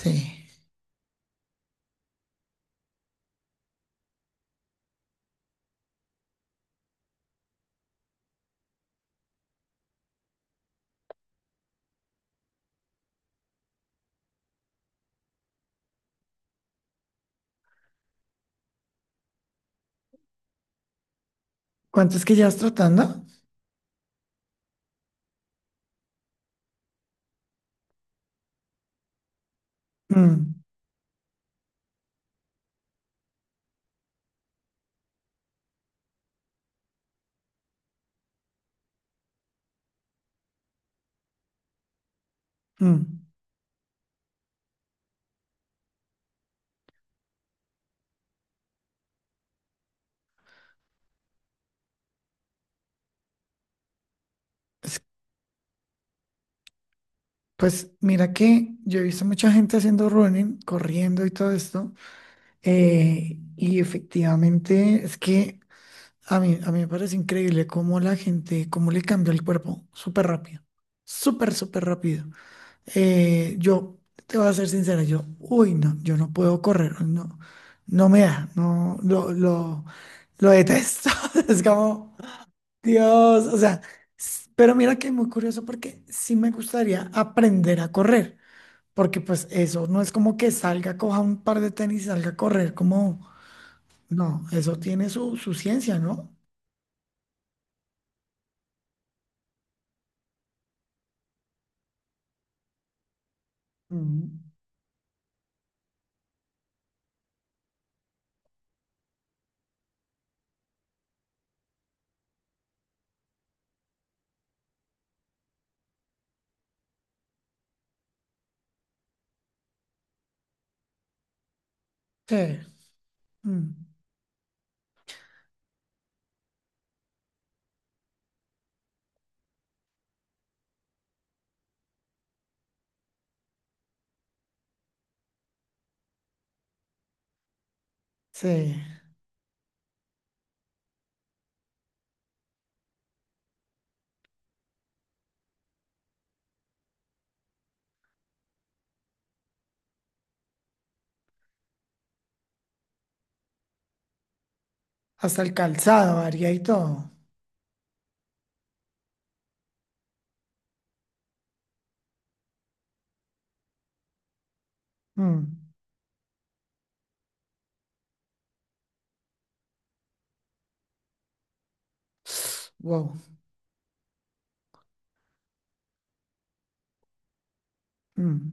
Sí. ¿Cuántos que llevas trotando? Mm, mm. Es- Pues mira que yo he visto mucha gente haciendo running, corriendo y todo esto. Y efectivamente es que a mí me parece increíble cómo la gente, cómo le cambia el cuerpo súper rápido. Súper, súper rápido. Yo te voy a ser sincera, yo, uy, no, yo no puedo correr, no, no me da, no, lo detesto. Es como Dios. O sea, pero mira que es muy curioso porque sí me gustaría aprender a correr, porque pues eso no es como que salga, coja un par de tenis y salga a correr, como, no, eso tiene su ciencia, ¿no? Mm. Sí. Mm, sí, hasta el calzado varía y todo. Mm. Wow. Mm,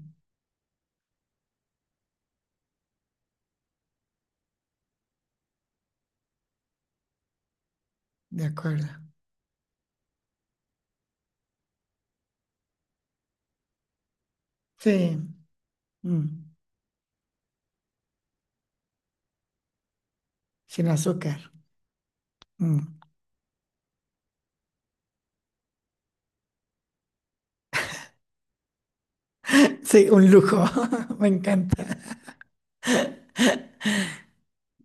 de acuerdo. Sí, mm, sin azúcar. Mm. Sí, un lujo. Me encanta.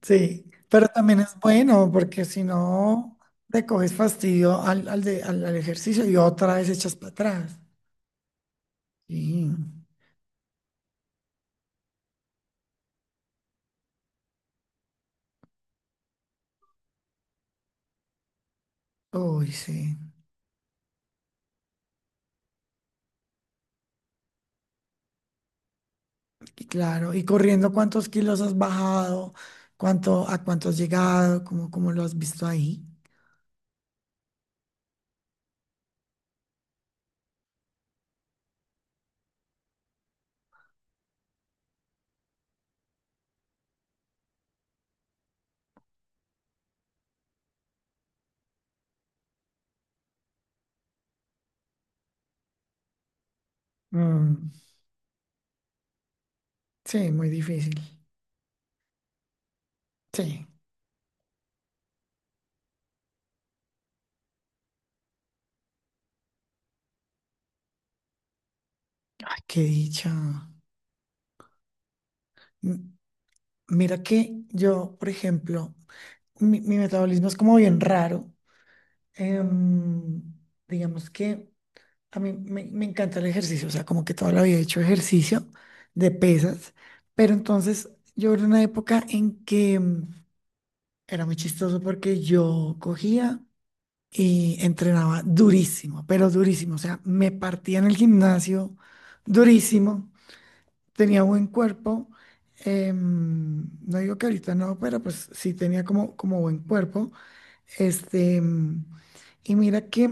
Sí, pero también es bueno porque si no le coges fastidio al ejercicio y otra vez echas para atrás. Sí, uy, sí, y claro. Y corriendo, ¿cuántos kilos has bajado? ¿A cuánto has llegado? ¿Cómo lo has visto ahí? Mm, sí, muy difícil. Sí, ay, qué dicha. M- Mira que yo, por ejemplo, mi metabolismo es como bien raro. Em, digamos que. A mí me encanta el ejercicio, o sea, como que toda la vida he hecho ejercicio de pesas, pero entonces yo era una época en que era muy chistoso porque yo cogía y entrenaba durísimo, pero durísimo, o sea, me partía en el gimnasio durísimo, tenía buen cuerpo, no digo que ahorita no, pero pues sí tenía como buen cuerpo, este, y mira que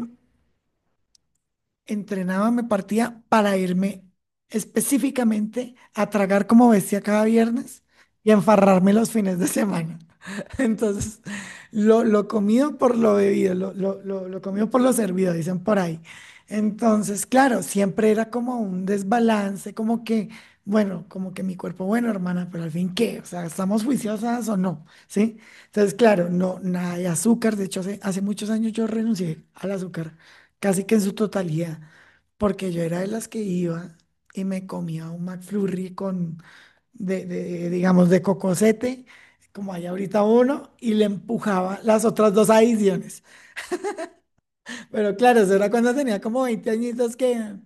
entrenaba, me partía para irme específicamente a tragar como bestia cada viernes y a enfarrarme los fines de semana. Entonces, lo comido por lo bebido, lo comido por lo servido, dicen por ahí. Entonces, claro, siempre era como un desbalance, como que, bueno, como que mi cuerpo, bueno, hermana, pero al fin, ¿qué? O sea, ¿estamos juiciosas o no? ¿Sí? Entonces, claro, no, nada de azúcar. De hecho, hace muchos años yo renuncié al azúcar, casi que en su totalidad, porque yo era de las que iba y me comía un McFlurry con de, digamos, de cocosete, como hay ahorita uno, y le empujaba las otras dos adiciones. Pero claro, eso era cuando tenía como 20 añitos que,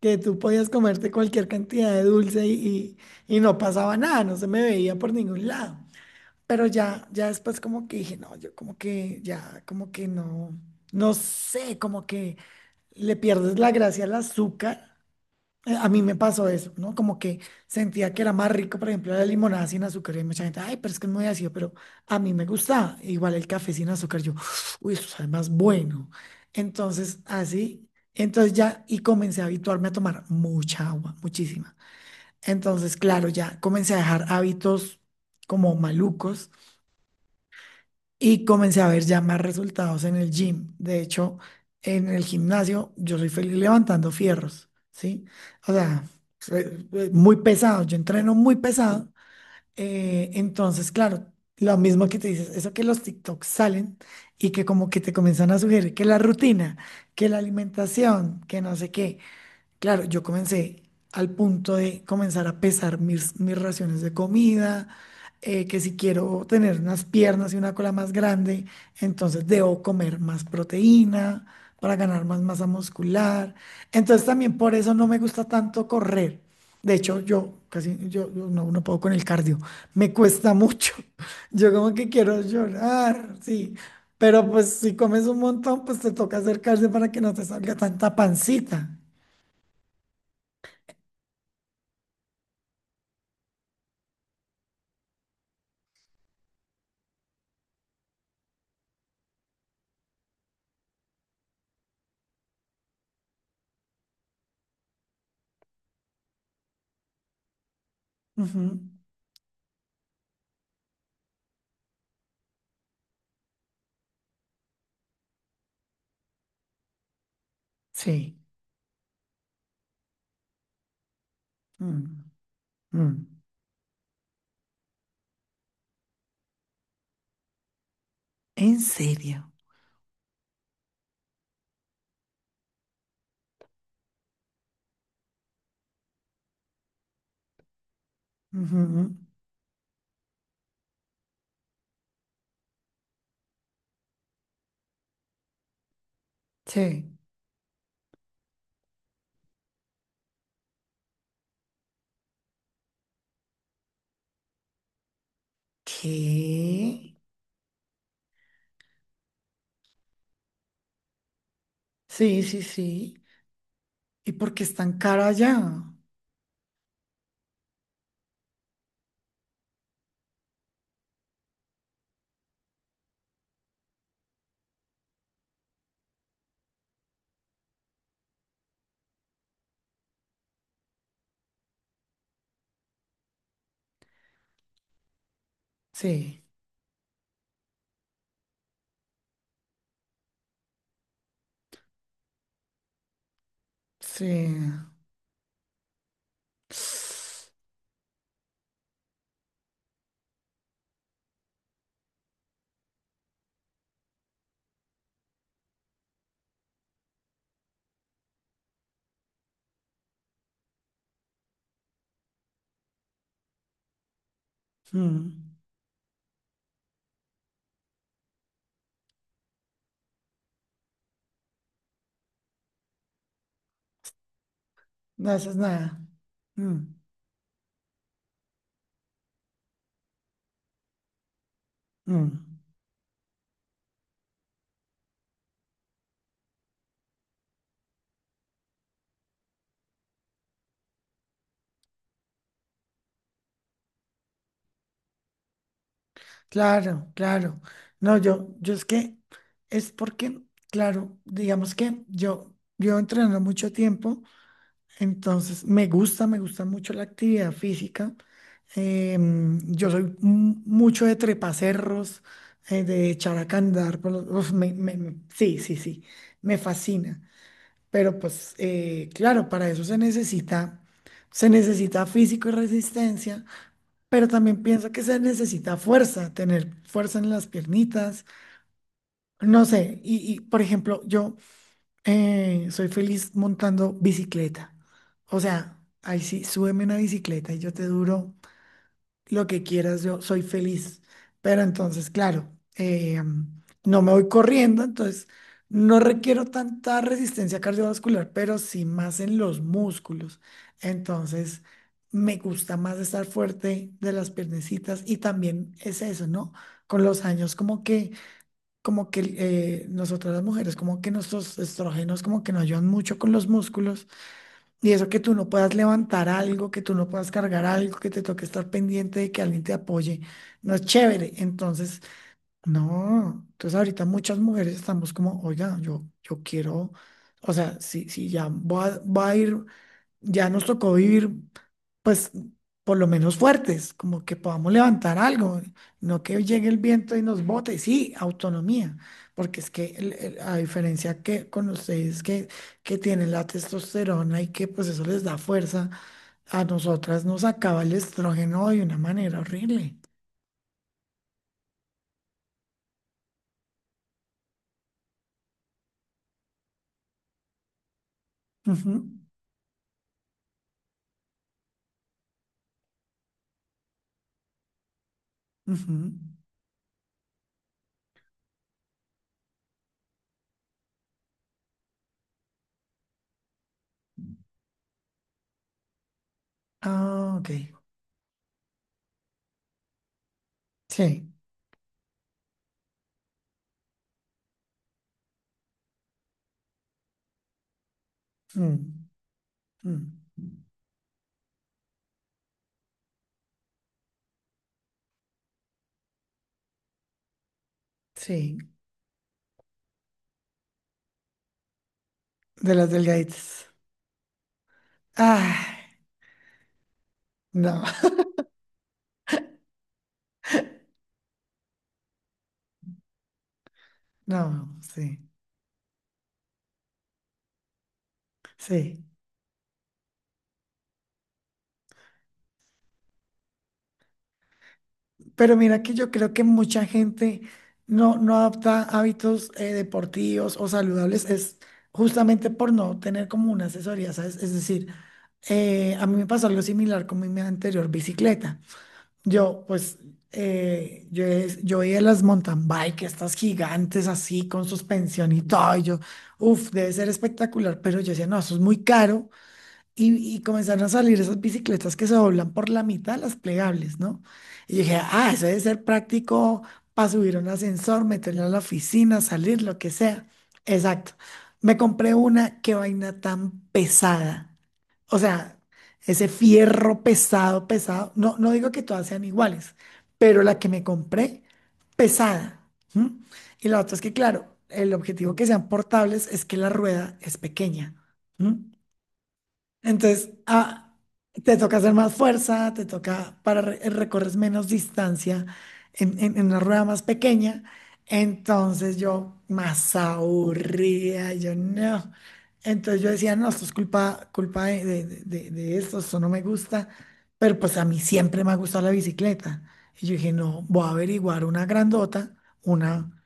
que tú podías comerte cualquier cantidad de dulce y no pasaba nada, no se me veía por ningún lado. Pero ya, ya después como que dije, no, yo como que ya, como que no, no sé, como que le pierdes la gracia al azúcar. A mí me pasó eso, ¿no? Como que sentía que era más rico, por ejemplo, la limonada sin azúcar. Y mucha gente, ay, pero es que es muy ácido, pero a mí me gusta. Igual el café sin azúcar, yo, uy, eso sabe más bueno. Entonces, así, entonces ya, y comencé a habituarme a tomar mucha agua, muchísima. Entonces, claro, ya comencé a dejar hábitos como malucos y comencé a ver ya más resultados en el gym. De hecho, en el gimnasio yo soy feliz levantando fierros, ¿sí? O sea, soy muy pesado, yo entreno muy pesado. Entonces, claro, lo mismo que te dices, eso que los TikToks salen y que como que te comienzan a sugerir que la rutina, que la alimentación, que no sé qué. Claro, yo comencé al punto de comenzar a pesar mis, raciones de comida, que si quiero tener unas piernas y una cola más grande, entonces debo comer más proteína para ganar más masa muscular. Entonces también por eso no me gusta tanto correr. De hecho, yo casi yo no puedo con el cardio. Me cuesta mucho. Yo como que quiero llorar, sí. Pero pues si comes un montón, pues te toca hacer cardio para que no te salga tanta pancita. Ujú. Sí. Mm, mm. ¿En serio? Ujú, mm. Sí. ¿Qué? Sí, sí, sí. ¿Y por qué es tan cara allá? Sí, sí. Mm. No haces nada. Mm, mm. Claro, claro. No, yo es que es porque, claro, digamos que yo llevo entrenando mucho tiempo. Entonces, me gusta mucho la actividad física. Yo soy mucho de trepacerros, de echar a andar por uf, sí, sí, sí, me fascina. Pero pues, claro, para eso se necesita, físico y resistencia, pero también pienso que se necesita fuerza, tener fuerza en las piernitas. No sé, y por ejemplo, yo soy feliz montando bicicleta. O sea, ahí sí, súbeme una bicicleta y yo te duro lo que quieras, yo soy feliz. Pero entonces, claro, eh, no me voy corriendo, entonces no requiero tanta resistencia cardiovascular, pero sí más en los músculos. Entonces, me gusta más estar fuerte de las piernecitas y también es eso, ¿no? Con los años, como que nosotras las mujeres, como que nuestros estrógenos como que nos ayudan mucho con los músculos y eso que tú no puedas levantar algo, que tú no puedas cargar algo, que te toque estar pendiente de que alguien te apoye, no es chévere. Entonces, no, entonces ahorita muchas mujeres estamos como, oiga, yo, quiero, o sea, si ya voy a ir ya nos tocó vivir, pues, por lo menos fuertes, como que podamos levantar algo, no que llegue el viento y nos bote, sí, autonomía, porque es que a diferencia que con ustedes que tienen la testosterona y que pues eso les da fuerza, a nosotras nos acaba el estrógeno de una manera horrible. Ujú, ujú. Ah, ok. Sí. Mm, mm. Sí, de las delgaditas. Ah, no, no, sí. Sí, pero mira que yo creo que mucha gente no adopta hábitos deportivos o saludables, es justamente por no tener como una asesoría, ¿sabes? Es decir, a mí me pasó algo similar con mi anterior bicicleta. Yo, pues, yo veía las mountain bike, estas gigantes así, con suspensión y todo, y yo, uff, debe ser espectacular, pero yo decía, no, eso es muy caro. Y comenzaron a salir esas bicicletas que se doblan por la mitad, las plegables, ¿no? Y yo dije, ah, eso debe ser práctico para subir un ascensor, meterlo a la oficina, salir, lo que sea. Exacto. Me compré una, qué vaina tan pesada. O sea, ese fierro pesado, pesado. No, no digo que todas sean iguales, pero la que me compré, pesada. ¿M? Y la otra es que, claro, el objetivo que sean portables es que la rueda es pequeña. ¿M? Entonces, ah, te toca hacer más fuerza, te toca para recorres menos distancia en, en una rueda más pequeña. Entonces yo más aburrida, yo no. Entonces yo decía, no, esto es culpa, culpa de, de esto, esto no me gusta. Pero pues a mí siempre me ha gustado la bicicleta. Y yo dije, no, voy a averiguar una grandota, una,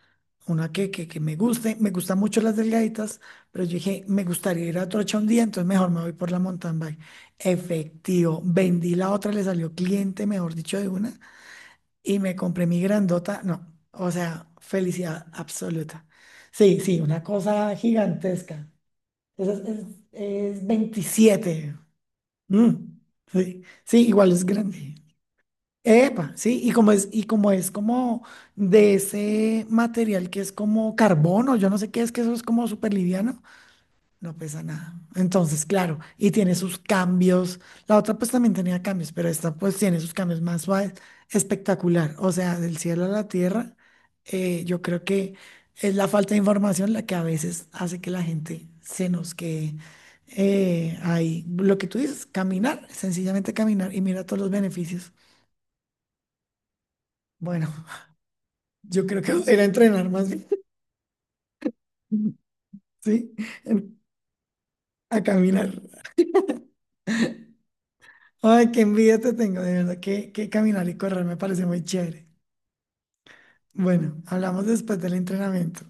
una que me guste. Me gustan mucho las delgaditas, pero yo dije, me gustaría ir a Trocha un día, entonces mejor me voy por la mountain bike. Efectivo, vendí la otra, le salió cliente, mejor dicho, de una, y me compré mi grandota. No, o sea, felicidad absoluta. Sí, sí, una cosa gigantesca. Esa es, es 27. Mm, sí, sí, igual es grande. Epa, sí, y como es como de ese material que es como carbono, yo no sé qué es, que eso es como súper liviano. No pesa nada. Entonces, claro, y tiene sus cambios. La otra pues también tenía cambios, pero esta pues tiene sus cambios más suaves. Espectacular. O sea, del cielo a la tierra, yo creo que es la falta de información la que a veces hace que la gente se nos quede ahí. Lo que tú dices, caminar, sencillamente caminar y mira todos los beneficios. Bueno, yo creo que voy a ir a entrenar más bien. Sí, a caminar. Ay, qué envidia te tengo, de verdad que caminar y correr me parece muy chévere. Bueno, hablamos después del entrenamiento.